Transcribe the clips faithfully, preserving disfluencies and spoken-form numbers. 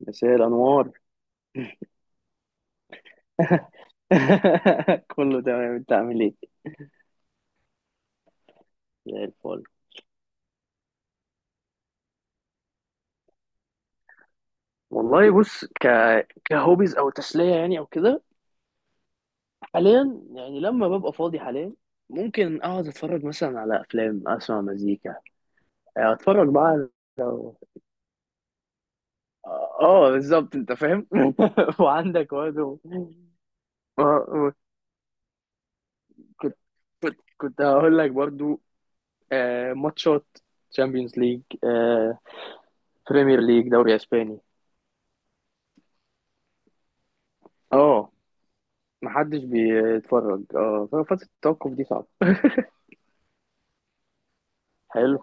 مساء الأنوار. كله تمام، انت عامل ايه؟ زي الفل. والله بص، ك كهوبيز او تسلية، يعني او كده. حاليا يعني، لما ببقى فاضي حاليا ممكن اقعد اتفرج مثلا على افلام، اسمع مزيكا. اتفرج بقى على- لو اه بالظبط، انت فاهم. وعندك برضه. اه، آه، كنت كنت كنت هقول لك برضو، آه، ماتشات، تشامبيونز ليج، آه، بريمير ليج، دوري اسباني. اه محدش بيتفرج اه، ففترة التوقف دي صعبة. حلو،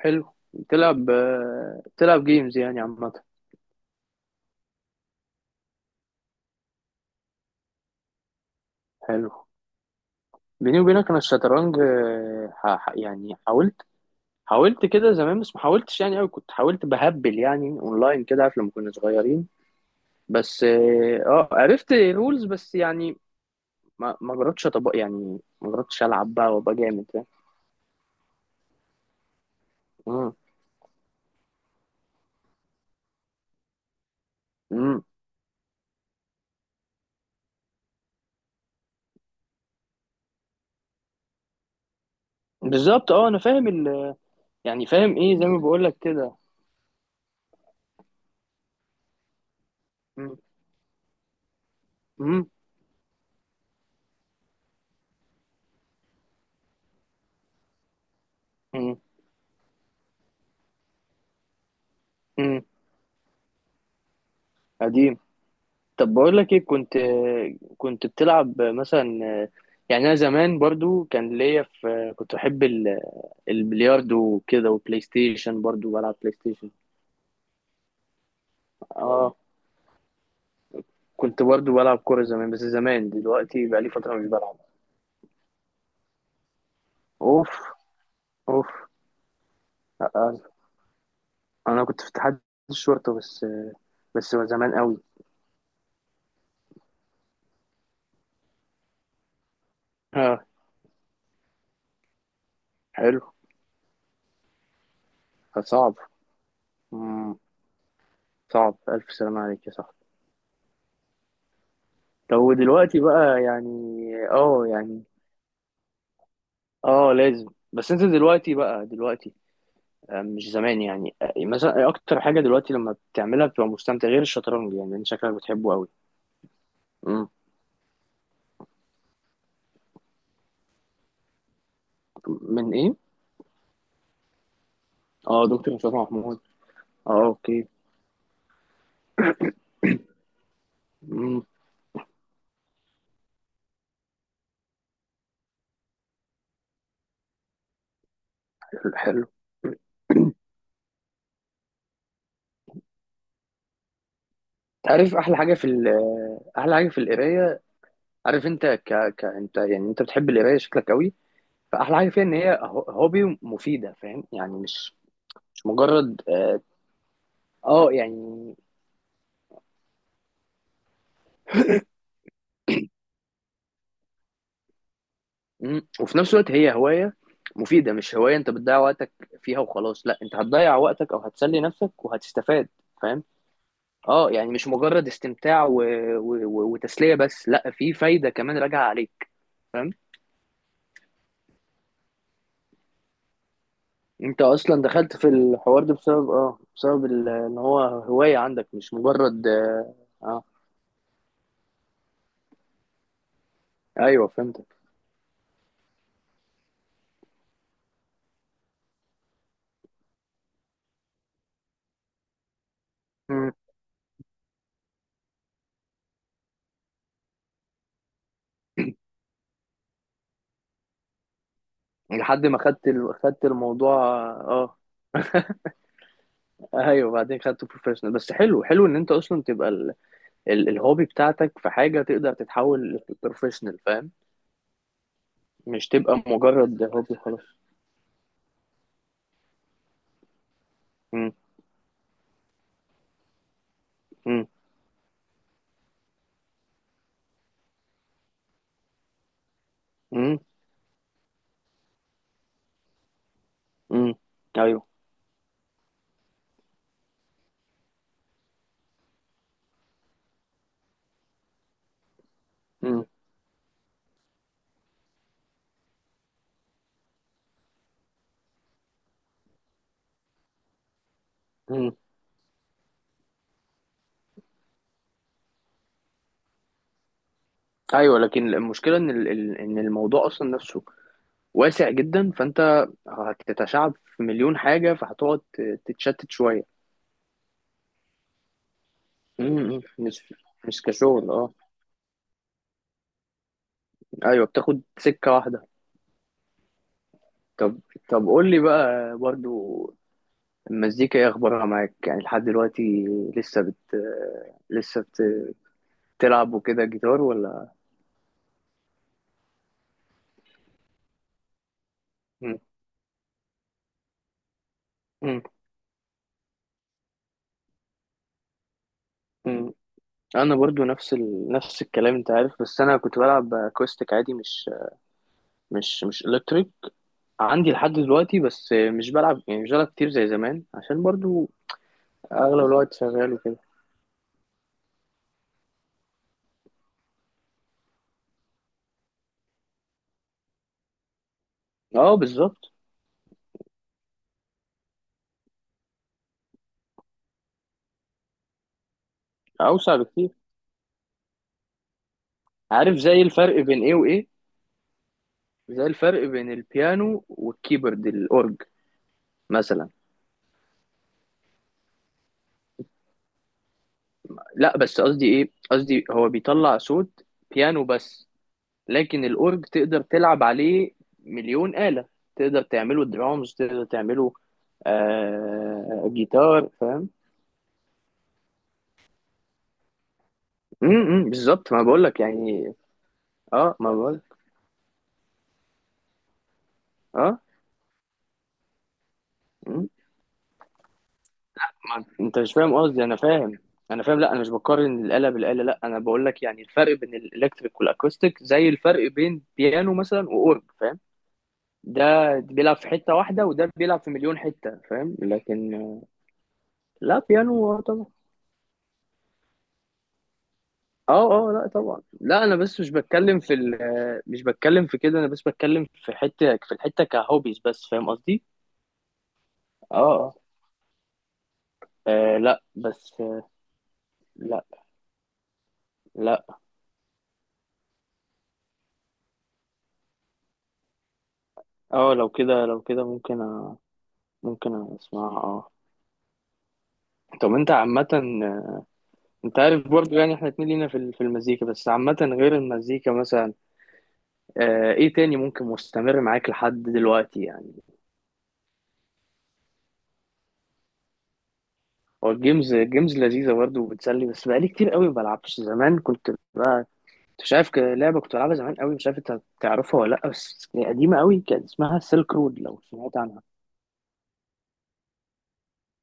حلو. تلعب آه، تلعب جيمز يعني عامة. حلو. بيني وبينك أنا الشطرنج، آه، ح- ح- يعني حاولت، حاولت كده زمان بس ما حاولتش يعني أوي، كنت حاولت بهبل يعني، أونلاين كده، عارف لما كنا صغيرين. بس اه آه، عرفت رولز بس يعني، ما ما جربتش أطبق يعني، ما جربتش ألعب بقى وأبقى جامد، فاهم. مم. مم. بالظبط، اه أنا فاهم ال... يعني فاهم إيه، زي ما بقول لك كده. مم. مم. مم. قديم. طب بقول لك ايه، كنت كنت بتلعب مثلا، يعني انا زمان برضو كان ليا في، كنت بحب ال- البلياردو وكده، وبلاي ستيشن، برضو بلعب بلاي ستيشن. اه. اه. كنت برضو بلعب كورة زمان، بس زمان، دلوقتي بقى لي فترة مش بلعب. اوف. اوف. آه، انا كنت في اتحاد الشرطة بس. بس زمان قوي. اه. حلو. صعب. مم. صعب، الف سلامة عليك يا صاحبي. لو دلوقتي بقى يعني. اه يعني. اه لازم. بس انت دلوقتي، بقى دلوقتي، آه، مش زمان يعني، آه، مثلا اكتر حاجه دلوقتي لما بتعملها بتبقى مستمتع غير الشطرنج؟ يعني انت شكلك بتحبه قوي. مم. من ايه؟ اه، دكتور مصطفى محمود. اه، اوكي. مم. حلو. حلو. عارف احلى حاجه في ال- احلى حاجه في القرايه، عارف انت ك... ك انت يعني، انت بتحب القرايه شكلك قوي. فاحلى حاجه فيها ان هي هو- هوبي مفيده، فاهم يعني، مش مش مجرد اه، آه، يعني. مم. وفي نفس الوقت هي هواية مفيدة، مش هواية انت بتضيع وقتك فيها وخلاص، لا انت هتضيع وقتك او هتسلي نفسك وهتستفاد. فاهم. اه يعني، مش مجرد استمتاع و... و... و... وتسلية بس، لا في فايدة كمان راجعة عليك. فاهم. انت اصلا دخلت في الحوار ده بسبب، اه بسبب ال- ان هو هواية عندك، مش مجرد اه، آه. ايوه فهمتك. مم. لحد ما خدت ال... خدت الموضوع. اه. ايوه بعدين خدته بروفيشنال، بس حلو حلو، ان انت اصلا تبقى ال... ال- الهوبي بتاعتك في حاجة تقدر تتحول لبروفيشنال، فاهم. مش تبقى مجرد هوبي خلاص. مم. مم. مم. مم. ايوه. مم. مم. ايوه، لكن المشكلة ان ال- ال- ان الموضوع اصلا نفسه واسع جدا، فانت هتتشعب في مليون حاجة، فهتقعد ت- تتشتت شوية. مم. مش مش كشغل اه. ايوه، بتاخد سكة واحدة. طب، طب قول لي بقى برضو، المزيكا ايه اخبارها معاك، يعني لحد دلوقتي؟ لسه بت لسه تلعب وكده جيتار ولا؟ مم. مم. مم. انا برضو نفس ال... نفس الكلام، انت عارف، بس انا كنت بلعب اكوستيك عادي، مش مش مش الكتريك، عندي لحد دلوقتي، بس مش بلعب يعني، مش بلعب كتير زي زمان، عشان برضو اغلب الوقت شغال وكده. اه بالظبط. اوسع بكتير. عارف زي الفرق بين ايه وايه؟ زي الفرق بين البيانو والكيبورد، الاورج مثلا. لا بس قصدي، ايه قصدي هو بيطلع صوت بيانو بس، لكن الأورج تقدر تلعب عليه مليون آلة، تقدر تعمله درامز، تقدر تعمله آه جيتار، فاهم. امم بالظبط، ما بقولك يعني. اه، ما بقولك. اه. مم. ما انت مش فاهم قصدي، انا فاهم، انا فاهم لا انا مش بقارن الآلة بالآلة، لا انا بقولك يعني الفرق بين الالكتريك والاكوستيك زي الفرق بين بيانو مثلا واورج، فاهم. ده بيلعب في حتة واحدة، وده بيلعب في مليون حتة، فاهم، لكن آه، لا بيانو. اه، اه، لا طبعا، لا انا بس مش بتكلم في ال مش بتكلم في كده، انا بس بتكلم في حته، في الحته كهوبيز بس، فاهم قصدي. اه. اه. آه، لا بس آه، لا، لا. اه لو كده، لو كده ممكن أ- ممكن اسمعها، اه. طب انت عامة، انت عارف برضو يعني احنا اتنين لينا في ال- في المزيكا، بس عامة غير المزيكا مثلا، آه ايه تاني ممكن مستمر معاك لحد دلوقتي يعني؟ هو الجيمز، الجيمز لذيذة برضو وبتسلي، بس بقالي كتير قوي ما بلعبش، زمان كنت بقى مش عارف، ك- لعبة كنت بلعبها زمان قوي، مش عارف انت هتعرفها ولا لأ، بس هي قديمة قوي، كان اسمها سيلك رود، لو سمعت عنها.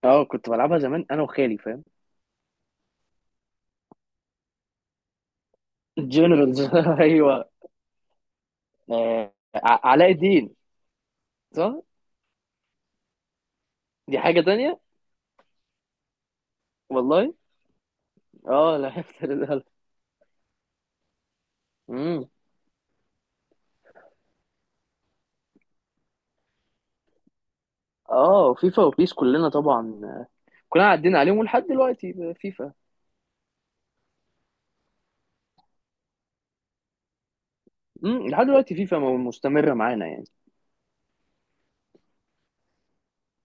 اه كنت بلعبها زمان انا وخالي، فاهم. جنرالز. ايوه. آه، ع- علاء الدين؟ صح. دي حاجة تانية. والله. اه لعبت للألف. امم. اه، فيفا وبيس كلنا طبعا، كلنا عدينا عليهم، ولحد دلوقتي فيفا. امم لحد دلوقتي فيفا م- مستمرة معانا يعني.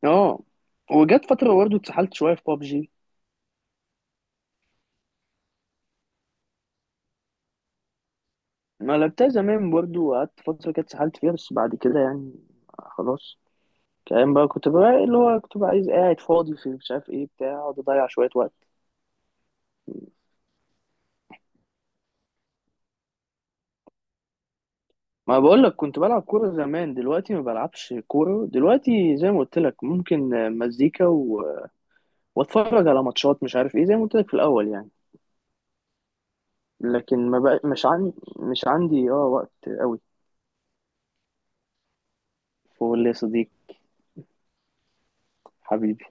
اه، وجت فترة برضه اتسحلت شوية في بابجي. ما لعبتها زمان برضو، وقعدت فترة كده اتسحلت فيها، بس بعد كده يعني خلاص. كمان بقى، كنت بقى اللي هو كنت بقى عايز، قاعد فاضي في، مش عارف ايه بتاع، اقعد اضيع شوية وقت. ما بقول لك كنت بلعب كورة زمان، دلوقتي ما بلعبش كورة، دلوقتي زي ما قلت لك، ممكن آه، مزيكا و... واتفرج على ماتشات، مش عارف ايه، زي ما قلت لك في الاول يعني. لكن ما بقى مش عندي، مش عندي اه وقت قوي. قول لي يا صديقي. حبيبي.